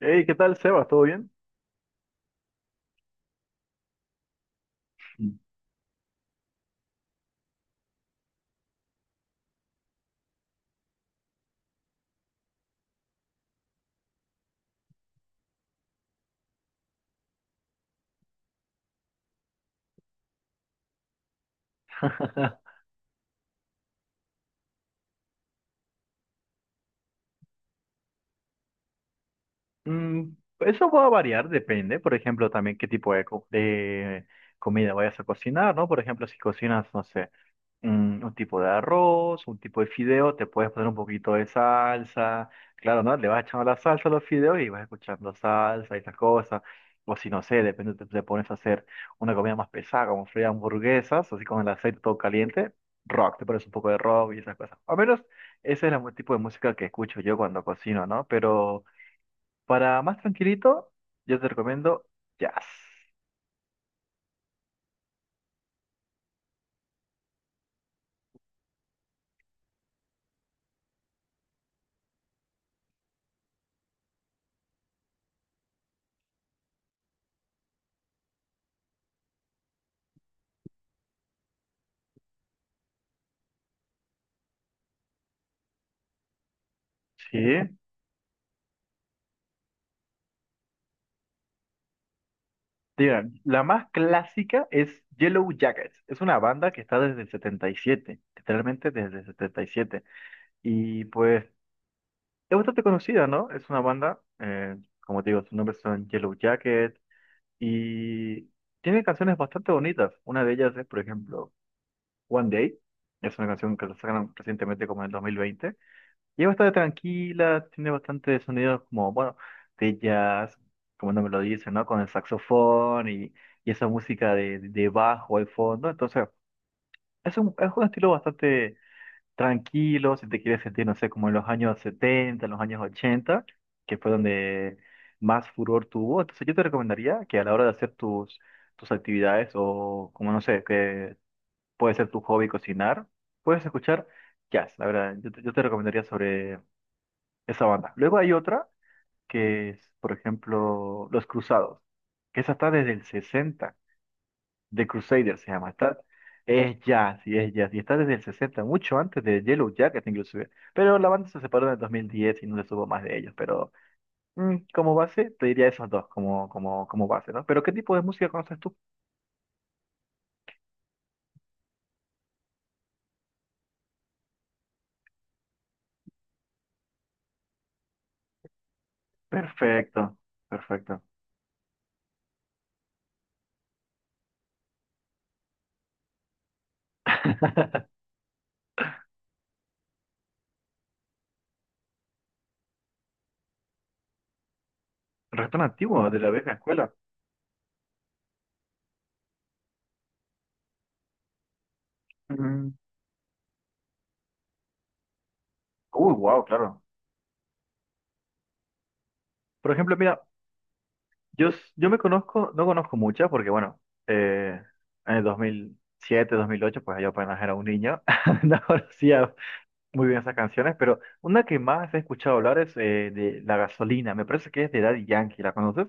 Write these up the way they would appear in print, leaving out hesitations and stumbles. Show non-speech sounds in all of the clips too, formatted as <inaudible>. Hey, ¿qué tal, Sebas? ¿Todo bien? Mm. <laughs> Mm, eso va a variar, depende, por ejemplo, también qué tipo de comida vayas a cocinar, ¿no? Por ejemplo, si cocinas, no sé, un tipo de arroz, un tipo de fideo, te puedes poner un poquito de salsa, claro, ¿no? Le vas echando la salsa a los fideos y vas escuchando salsa y esas cosas. O si no sé, depende, te pones a hacer una comida más pesada, como freír hamburguesas, así con el aceite todo caliente, rock, te pones un poco de rock y esas cosas. Al menos ese es el tipo de música que escucho yo cuando cocino, ¿no? Pero para más tranquilito, yo te recomiendo jazz. Sí. Digan, la más clásica es Yellow Jackets. Es una banda que está desde el setenta y siete, literalmente desde el 77. Y siete. Y pues es bastante conocida, ¿no? Es una banda, como te digo, sus nombres son Yellow Jacket y tiene canciones bastante bonitas. Una de ellas es, por ejemplo, One Day. Es una canción que la sacaron recientemente como en el 2020 y es bastante tranquila, tiene bastante sonidos como, bueno, de jazz, como no me lo dicen, ¿no? Con el saxofón y esa música de bajo al fondo. Entonces, es un estilo bastante tranquilo, si te quieres sentir, no sé, como en los años setenta, en los años ochenta, que fue donde más furor tuvo. Entonces, yo te recomendaría que a la hora de hacer tus actividades o, como no sé, que puede ser tu hobby cocinar, puedes escuchar jazz. La verdad, yo te recomendaría sobre esa banda. Luego hay otra que es, por ejemplo, Los Cruzados, que esa está desde el 60, The Crusaders se llama, está, es jazz, y está desde el 60, mucho antes de Yellow Jacket inclusive, pero la banda se separó en el 2010 y no se supo más de ellos, pero mm, como base te diría esos dos como, como base, ¿no? Pero ¿qué tipo de música conoces tú? Perfecto, perfecto. <laughs> Reggaetón antiguo de la vieja escuela. Mm. Uy, wow, claro. Por ejemplo, mira, yo me conozco, no conozco muchas porque, bueno, eh, en el dos mil siete, dos mil ocho, pues yo apenas era un niño, <laughs> no conocía muy bien esas canciones, pero una que más he escuchado hablar es de La Gasolina, me parece que es de Daddy Yankee, ¿la conoces?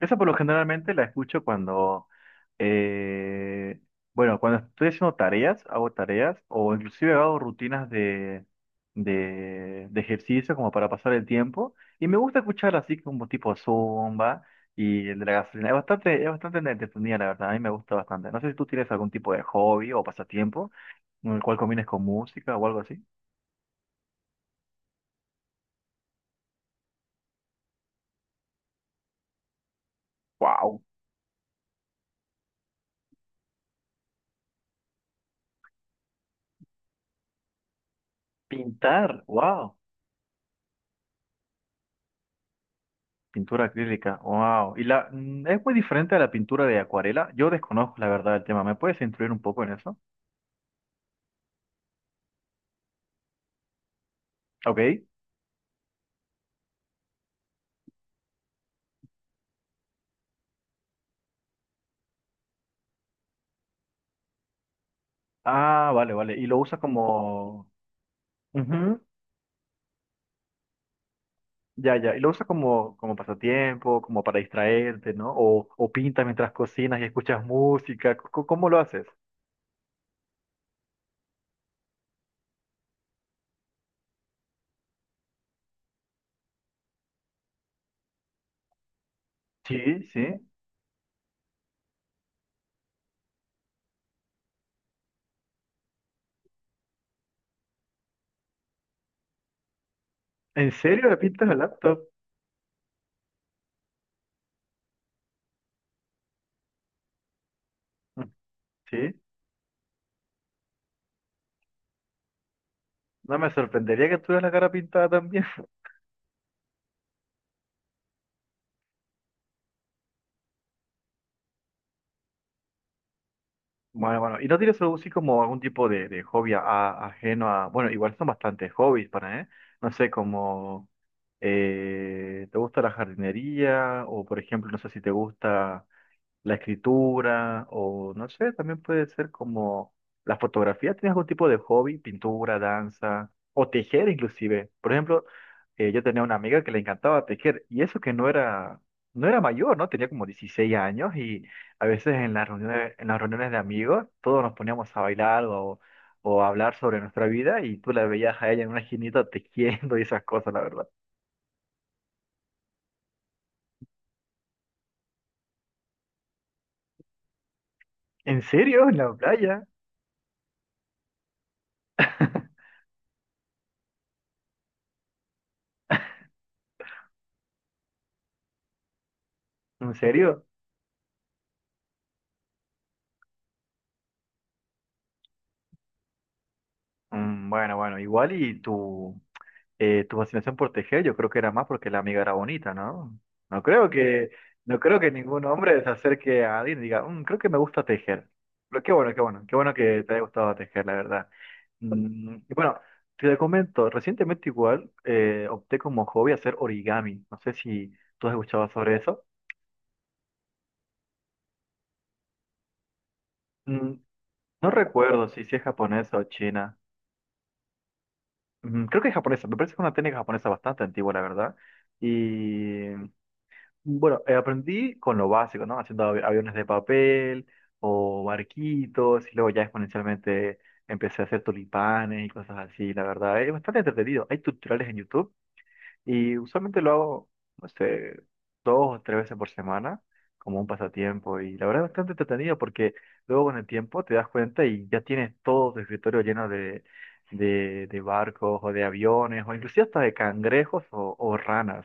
Esa por lo generalmente la escucho cuando, eh, bueno, cuando estoy haciendo tareas, hago tareas o inclusive hago rutinas de ejercicio como para pasar el tiempo. Y me gusta escuchar así como tipo Zumba y el de la gasolina. Es bastante entretenida, la verdad. A mí me gusta bastante. No sé si tú tienes algún tipo de hobby o pasatiempo en el cual combines con música o algo así. ¡Wow! Pintar, wow. Pintura acrílica, wow. Y la, mm, es muy diferente a la pintura de acuarela. Yo desconozco la verdad del tema. ¿Me puedes instruir un poco en eso? Ok. Ah, vale, vale. Y lo usa como. Ujú. Ya, ya. Y lo usa como, como pasatiempo, como para distraerte, ¿no? O pintas mientras cocinas y escuchas música. ¿Cómo lo haces? Sí, sí. ¿En serio le pintas el laptop? Mm. Sí. No me sorprendería que tuvieras la cara pintada también. Bueno, bueno, ¿y no tienes algo así como algún tipo de hobby ajeno a... Bueno, igual son bastantes hobbies para, ¿eh? No sé, como... ¿te gusta la jardinería? O, por ejemplo, no sé si te gusta la escritura o no sé, también puede ser como la fotografía. ¿Tienes algún tipo de hobby? Pintura, danza o tejer inclusive. Por ejemplo, yo tenía una amiga que le encantaba tejer y eso que no era mayor, ¿no? Tenía como 16 años y a veces en las reuniones de amigos todos nos poníamos a bailar o a hablar sobre nuestra vida y tú la veías a ella en una esquinita tejiendo y esas cosas, la verdad. ¿En serio? ¿En la playa? ¿En serio? Mm, bueno, bueno, igual y tú, tu fascinación por tejer, yo creo que era más porque la amiga era bonita, ¿no? No creo que, no creo que ningún hombre se acerque a alguien y diga, "Mm, creo que me gusta tejer." Pero qué bueno, qué bueno, qué bueno que te haya gustado tejer, la verdad. Mm, y bueno, te comento, recientemente igual opté como hobby hacer origami. No sé si tú has escuchado sobre eso. Mm, no recuerdo si es japonesa o china. Mm, creo que es japonesa, me parece que es una técnica japonesa bastante antigua, la verdad. Y bueno, aprendí con lo básico, ¿no? Haciendo aviones de papel o barquitos y luego ya exponencialmente empecé a hacer tulipanes y cosas así, la verdad. Es bastante entretenido. Hay tutoriales en YouTube y usualmente lo hago, no sé, 2 o 3 veces por semana como un pasatiempo y la verdad es bastante entretenido porque luego con el tiempo te das cuenta y ya tienes todo tu escritorio lleno de, de barcos o de aviones o inclusive hasta de cangrejos o ranas.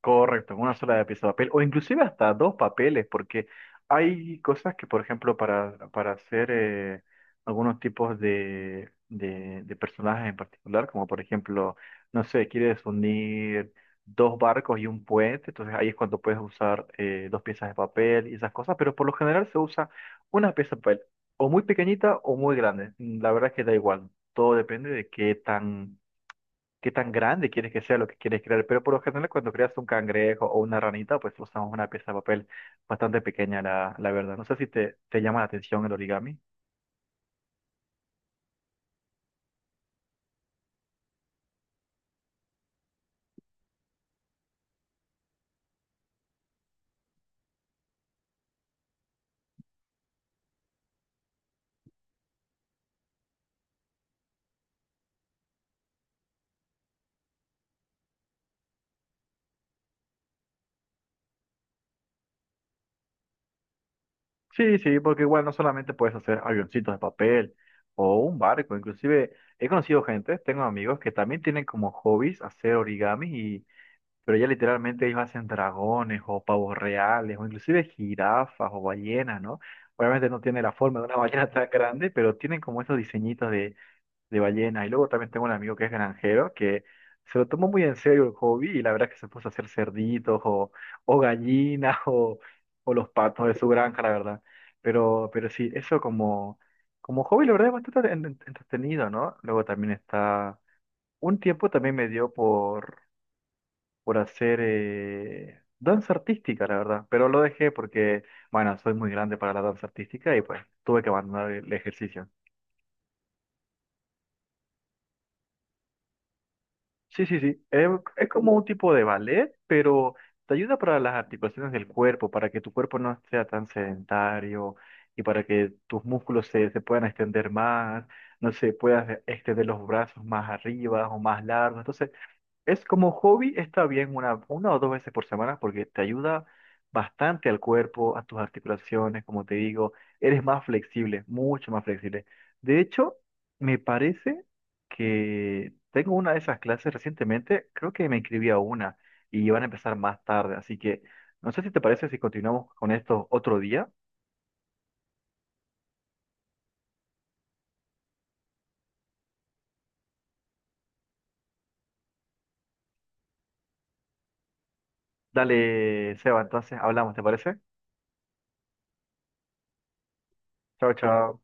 Correcto, con una sola pieza de papel, o inclusive hasta dos papeles, porque hay cosas que, por ejemplo, para hacer algunos tipos de personajes en particular, como por ejemplo, no sé, quieres unir dos barcos y un puente, entonces ahí es cuando puedes usar dos piezas de papel y esas cosas, pero por lo general se usa una pieza de papel, o muy pequeñita o muy grande, la verdad es que da igual, todo depende de qué tan grande quieres que sea lo que quieres crear, pero por lo general cuando creas un cangrejo o una ranita, pues usamos una pieza de papel bastante pequeña, la verdad. No sé si te llama la atención el origami. Sí, sí, porque igual no solamente puedes hacer avioncitos de papel o un barco, inclusive he conocido gente, tengo amigos que también tienen como hobbies hacer origami y... Pero ya literalmente ellos hacen dragones o pavos reales o inclusive jirafas o ballenas, ¿no? Obviamente no tiene la forma de una ballena <laughs> tan grande, pero tienen como esos diseñitos de ballenas. Y luego también tengo un amigo que es granjero que se lo tomó muy en serio el hobby y la verdad es que se puso a hacer cerditos o gallinas <laughs> o los patos de su granja, la verdad. Pero sí, eso como, como hobby, la verdad es bastante entretenido, ¿no? Luego también está... Un tiempo también me dio por hacer danza artística, la verdad, pero lo dejé porque, bueno, soy muy grande para la danza artística y pues tuve que abandonar el ejercicio. Sí, sí, sí. Es como un tipo de ballet, pero te ayuda para las articulaciones del cuerpo, para que tu cuerpo no sea tan sedentario y para que tus músculos se puedan extender más, no sé, puedas extender los brazos más arriba o más largos. Entonces, es como hobby, está bien 1 o 2 veces por semana porque te ayuda bastante al cuerpo, a tus articulaciones, como te digo, eres más flexible, mucho más flexible. De hecho, me parece que tengo una de esas clases recientemente, creo que me inscribí a una y van a empezar más tarde, así que no sé si te parece si continuamos con esto otro día. Dale, Seba, entonces hablamos, ¿te parece? Chao, chao.